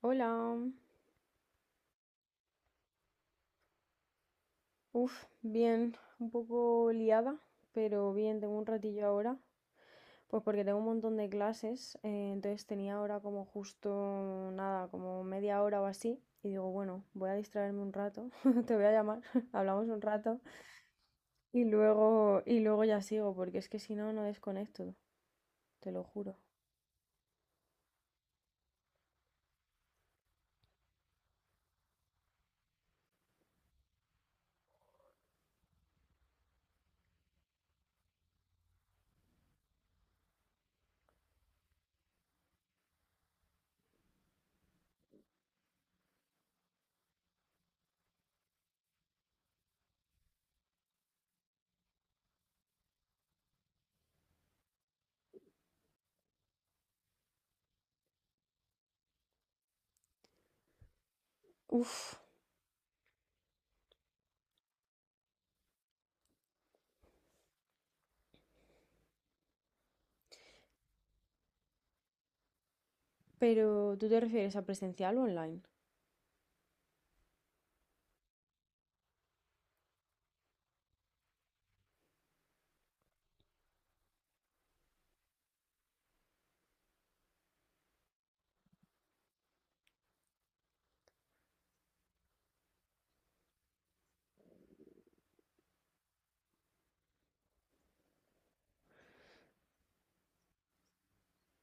Hola, uff, bien, un poco liada, pero bien, tengo un ratillo ahora, pues porque tengo un montón de clases, entonces tenía ahora como justo nada, como media hora o así, y digo, bueno, voy a distraerme un rato, te voy a llamar, hablamos un rato, y luego ya sigo, porque es que si no, no desconecto, te lo juro. Uff, pero ¿tú te refieres a presencial o online?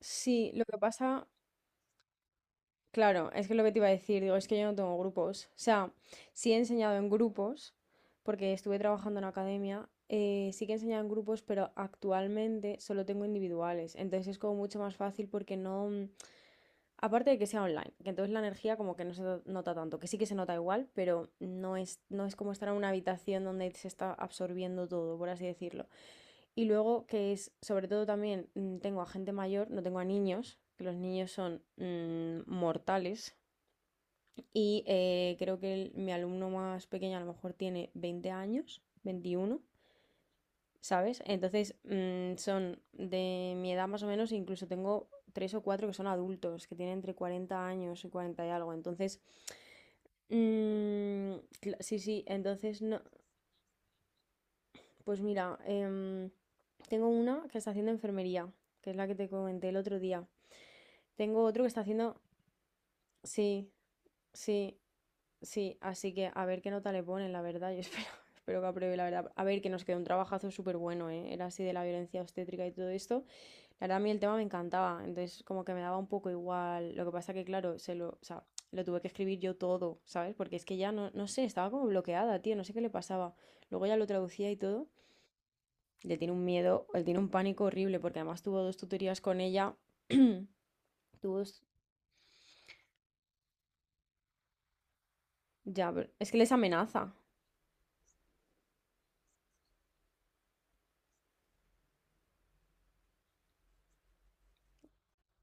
Sí, lo que pasa. Claro, es que lo que te iba a decir, digo, es que yo no tengo grupos. O sea, sí he enseñado en grupos, porque estuve trabajando en academia, sí que he enseñado en grupos, pero actualmente solo tengo individuales. Entonces es como mucho más fácil porque no... Aparte de que sea online, que entonces la energía como que no se nota tanto, que sí que se nota igual, pero no es como estar en una habitación donde se está absorbiendo todo, por así decirlo. Y luego que es, sobre todo también, tengo a gente mayor, no tengo a niños, que los niños son mortales. Y creo que mi alumno más pequeño a lo mejor tiene 20 años, 21. ¿Sabes? Entonces son de mi edad más o menos, incluso tengo tres o cuatro que son adultos, que tienen entre 40 años y 40 y algo. Entonces, mm, sí, sí, entonces no, pues mira, tengo una que está haciendo enfermería, que es la que te comenté el otro día. Tengo otro que está haciendo, sí, sí. Sí, así que a ver qué nota le ponen, la verdad. Yo espero, espero que apruebe, la verdad. A ver, que nos quedó un trabajazo súper bueno, ¿eh? Era así de la violencia obstétrica y todo esto. La verdad, a mí el tema me encantaba, entonces como que me daba un poco igual. Lo que pasa que, claro, se lo, o sea, lo tuve que escribir yo todo, ¿sabes? Porque es que ya no, no sé, estaba como bloqueada, tío, no sé qué le pasaba. Luego ya lo traducía y todo. Le tiene un miedo, él tiene un pánico horrible, porque además tuvo dos tutorías con ella. Tuvo dos... Ya, pero es que les amenaza.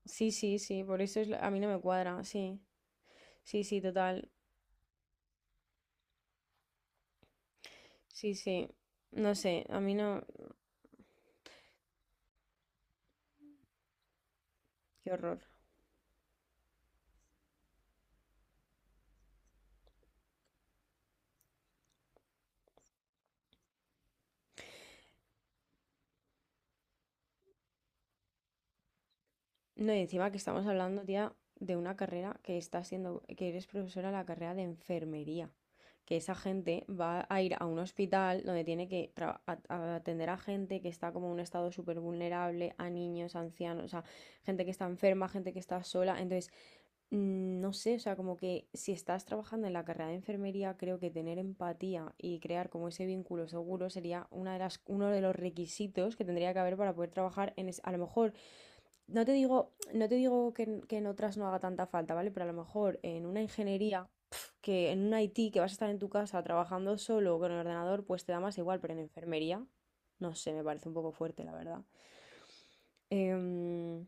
Sí, sí, sí, por eso es a mí no me cuadra, sí. Sí, sí, total. Sí, sí. No sé, a mí no. Qué horror. No, y encima que estamos hablando, tía, de una carrera que está siendo, que eres profesora de la carrera de enfermería. Que esa gente va a ir a un hospital donde tiene que atender a gente que está como en un estado súper vulnerable, a niños, ancianos, o sea, gente que está enferma, gente que está sola. Entonces, no sé, o sea, como que si estás trabajando en la carrera de enfermería, creo que tener empatía y crear como ese vínculo seguro sería una de las, uno de los requisitos que tendría que haber para poder trabajar en a lo mejor, no te digo, no te digo que en que en otras no haga tanta falta, ¿vale? Pero a lo mejor en una ingeniería, pf, que en un IT que vas a estar en tu casa trabajando solo con el ordenador, pues te da más igual, pero en enfermería, no sé, me parece un poco fuerte, la verdad. Em,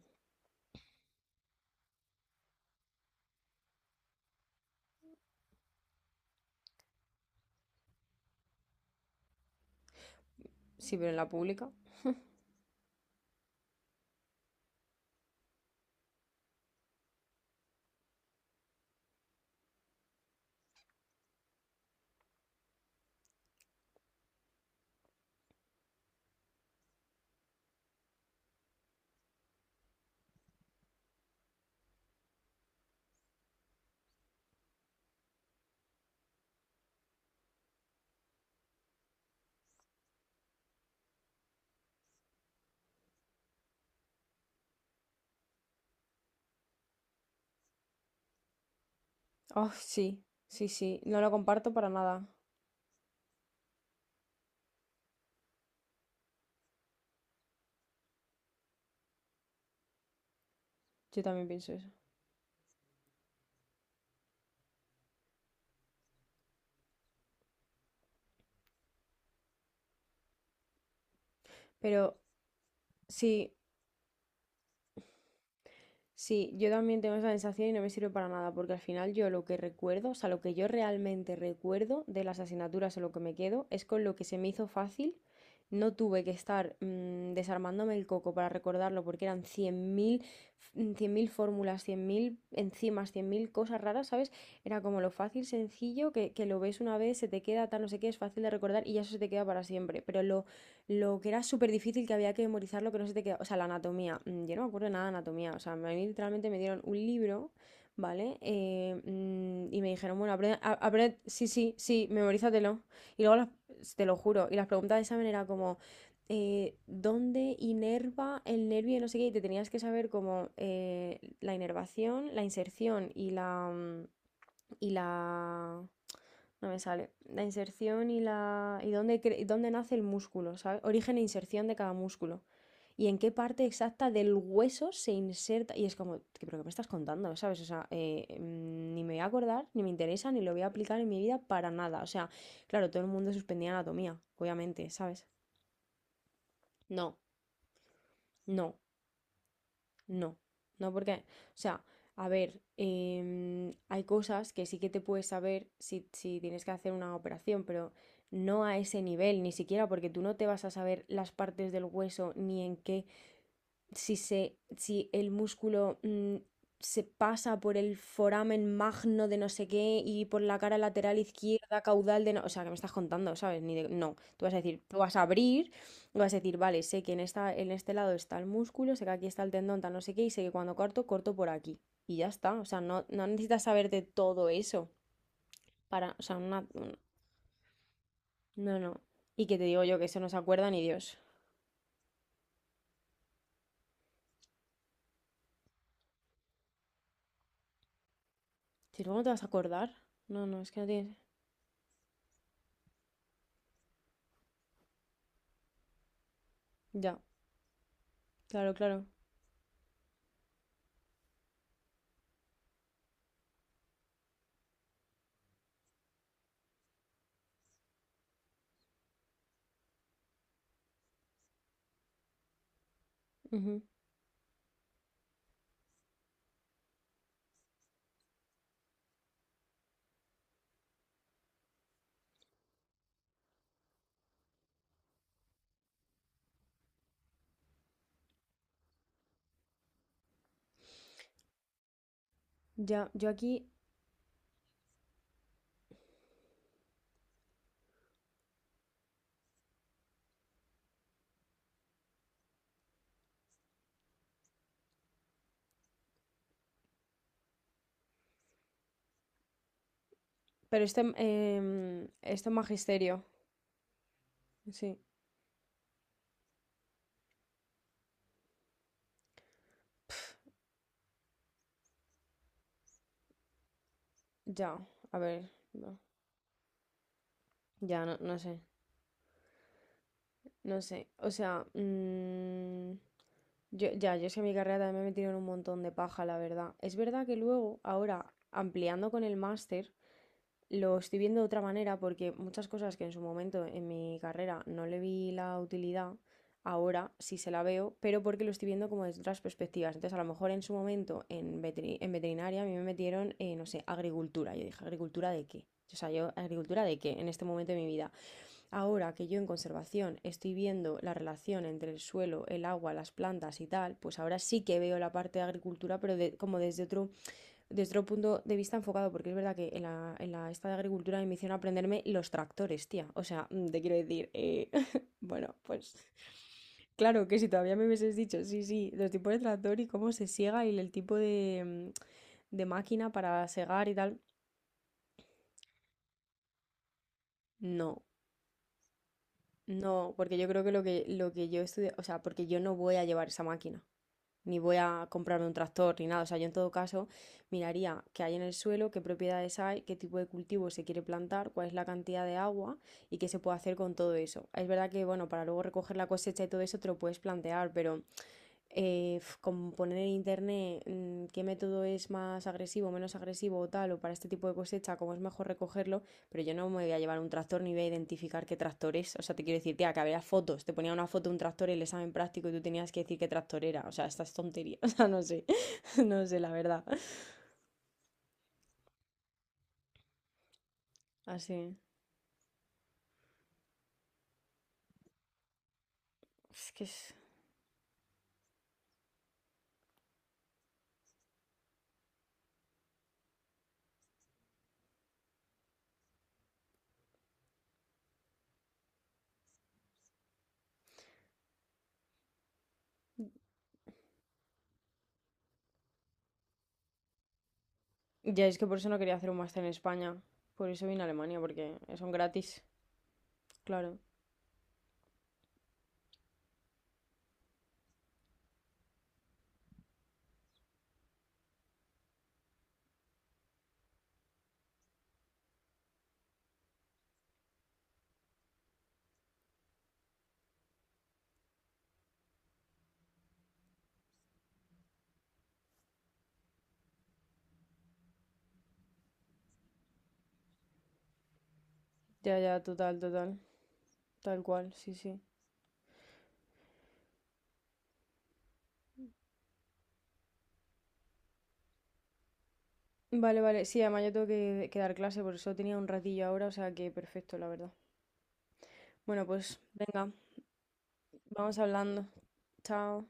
sí, pero en la pública. Oh, sí, sí, sí, no lo comparto para nada. Yo también pienso eso. Pero sí, sí, yo también tengo esa sensación y no me sirve para nada, porque al final yo lo que recuerdo, o sea, lo que yo realmente recuerdo de las asignaturas o lo que me quedo, es con lo que se me hizo fácil. No tuve que estar desarmándome el coco para recordarlo, porque eran 100.000 fórmulas, 100.000 enzimas, 100.000 cosas raras, ¿sabes? Era como lo fácil, sencillo, que lo ves una vez, se te queda, tal, no sé qué, es fácil de recordar y ya eso se te queda para siempre. Pero lo que era súper difícil, que había que memorizar lo que no se te quedaba. O sea, la anatomía. Yo no me acuerdo nada de anatomía. O sea, a mí literalmente me dieron un libro, ¿vale? Y me dijeron, bueno, aprende, sí, sí, sí, memorízatelo. Y luego, te lo juro, y las preguntas de examen era como, ¿dónde inerva el nervio? Y no sé qué. Y te tenías que saber como la inervación, la inserción y la... Y la... No me sale. La inserción y la. Y dónde, y dónde nace el músculo, ¿sabes? Origen e inserción de cada músculo. Y en qué parte exacta del hueso se inserta. Y es como, ¿pero qué me estás contando? ¿Sabes? O sea, ni me voy a acordar, ni me interesa, ni lo voy a aplicar en mi vida para nada. O sea, claro, todo el mundo suspendía anatomía, obviamente, ¿sabes? No, no. No, no porque, o sea, a ver, hay cosas que sí que te puedes saber si tienes que hacer una operación, pero no a ese nivel, ni siquiera porque tú no te vas a saber las partes del hueso ni en qué si el músculo se pasa por el foramen magno de no sé qué y por la cara lateral izquierda, caudal de no... O sea, que me estás contando, ¿sabes? Ni de- No, tú vas a decir, tú vas a abrir, y vas a decir, vale, sé que en este lado está el músculo, sé que aquí está el tendón, tal no sé qué, y sé que cuando corto, corto por aquí. Y ya está, o sea, no, no necesitas saberte todo eso para, o sea, una... No, no. Y que te digo yo que eso no se acuerda ni Dios. Si luego no te vas a acordar. No, no, es que no tienes... Ya, claro, claro. Ujú. Ya, yo aquí, pero esto es magisterio, sí, ya, a ver, no, ya, no, no sé, o sea, yo, ya, yo es que mi carrera también me he metido en un montón de paja, la verdad. Es verdad que luego, ahora, ampliando con el máster, lo estoy viendo de otra manera porque muchas cosas que en su momento en mi carrera no le vi la utilidad, ahora sí se la veo, pero porque lo estoy viendo como desde otras perspectivas. Entonces, a lo mejor en su momento en en veterinaria a mí me metieron, no sé, agricultura. Yo dije, ¿agricultura de qué? O sea, yo, ¿agricultura de qué en este momento de mi vida? Ahora que yo en conservación estoy viendo la relación entre el suelo, el agua, las plantas y tal, pues ahora sí que veo la parte de agricultura, pero como desde otro, desde otro punto de vista enfocado, porque es verdad que en la esta de agricultura me hicieron aprenderme los tractores, tía. O sea, te quiero decir, bueno, pues claro que si todavía me hubieses dicho, sí, sí, los tipos de tractor y cómo se siega y el tipo de, de máquina para segar y tal, no, no, porque yo creo que lo que, lo que yo estudié, o sea, porque yo no voy a llevar esa máquina, ni voy a comprarme un tractor ni nada. O sea, yo en todo caso miraría qué hay en el suelo, qué propiedades hay, qué tipo de cultivo se quiere plantar, cuál es la cantidad de agua y qué se puede hacer con todo eso. Es verdad que, bueno, para luego recoger la cosecha y todo eso te lo puedes plantear, pero como poner en internet qué método es más agresivo, menos agresivo o tal, o para este tipo de cosecha, cómo es mejor recogerlo, pero yo no me voy a llevar un tractor ni voy a identificar qué tractor es. O sea, te quiero decir, tía, que había fotos, te ponía una foto de un tractor en el examen práctico y tú tenías que decir qué tractor era. O sea, estas tonterías, o sea, no sé, no sé, la verdad. Así, es que es... Ya es que por eso no quería hacer un máster en España, por eso vine a Alemania, porque son gratis, claro. Ya, ya, total, total. Tal cual, sí, sí. Vale, vale. Sí, además yo tengo que dar clase, por eso tenía un ratillo ahora, o sea que perfecto, la verdad. Bueno, pues venga, vamos hablando. Chao.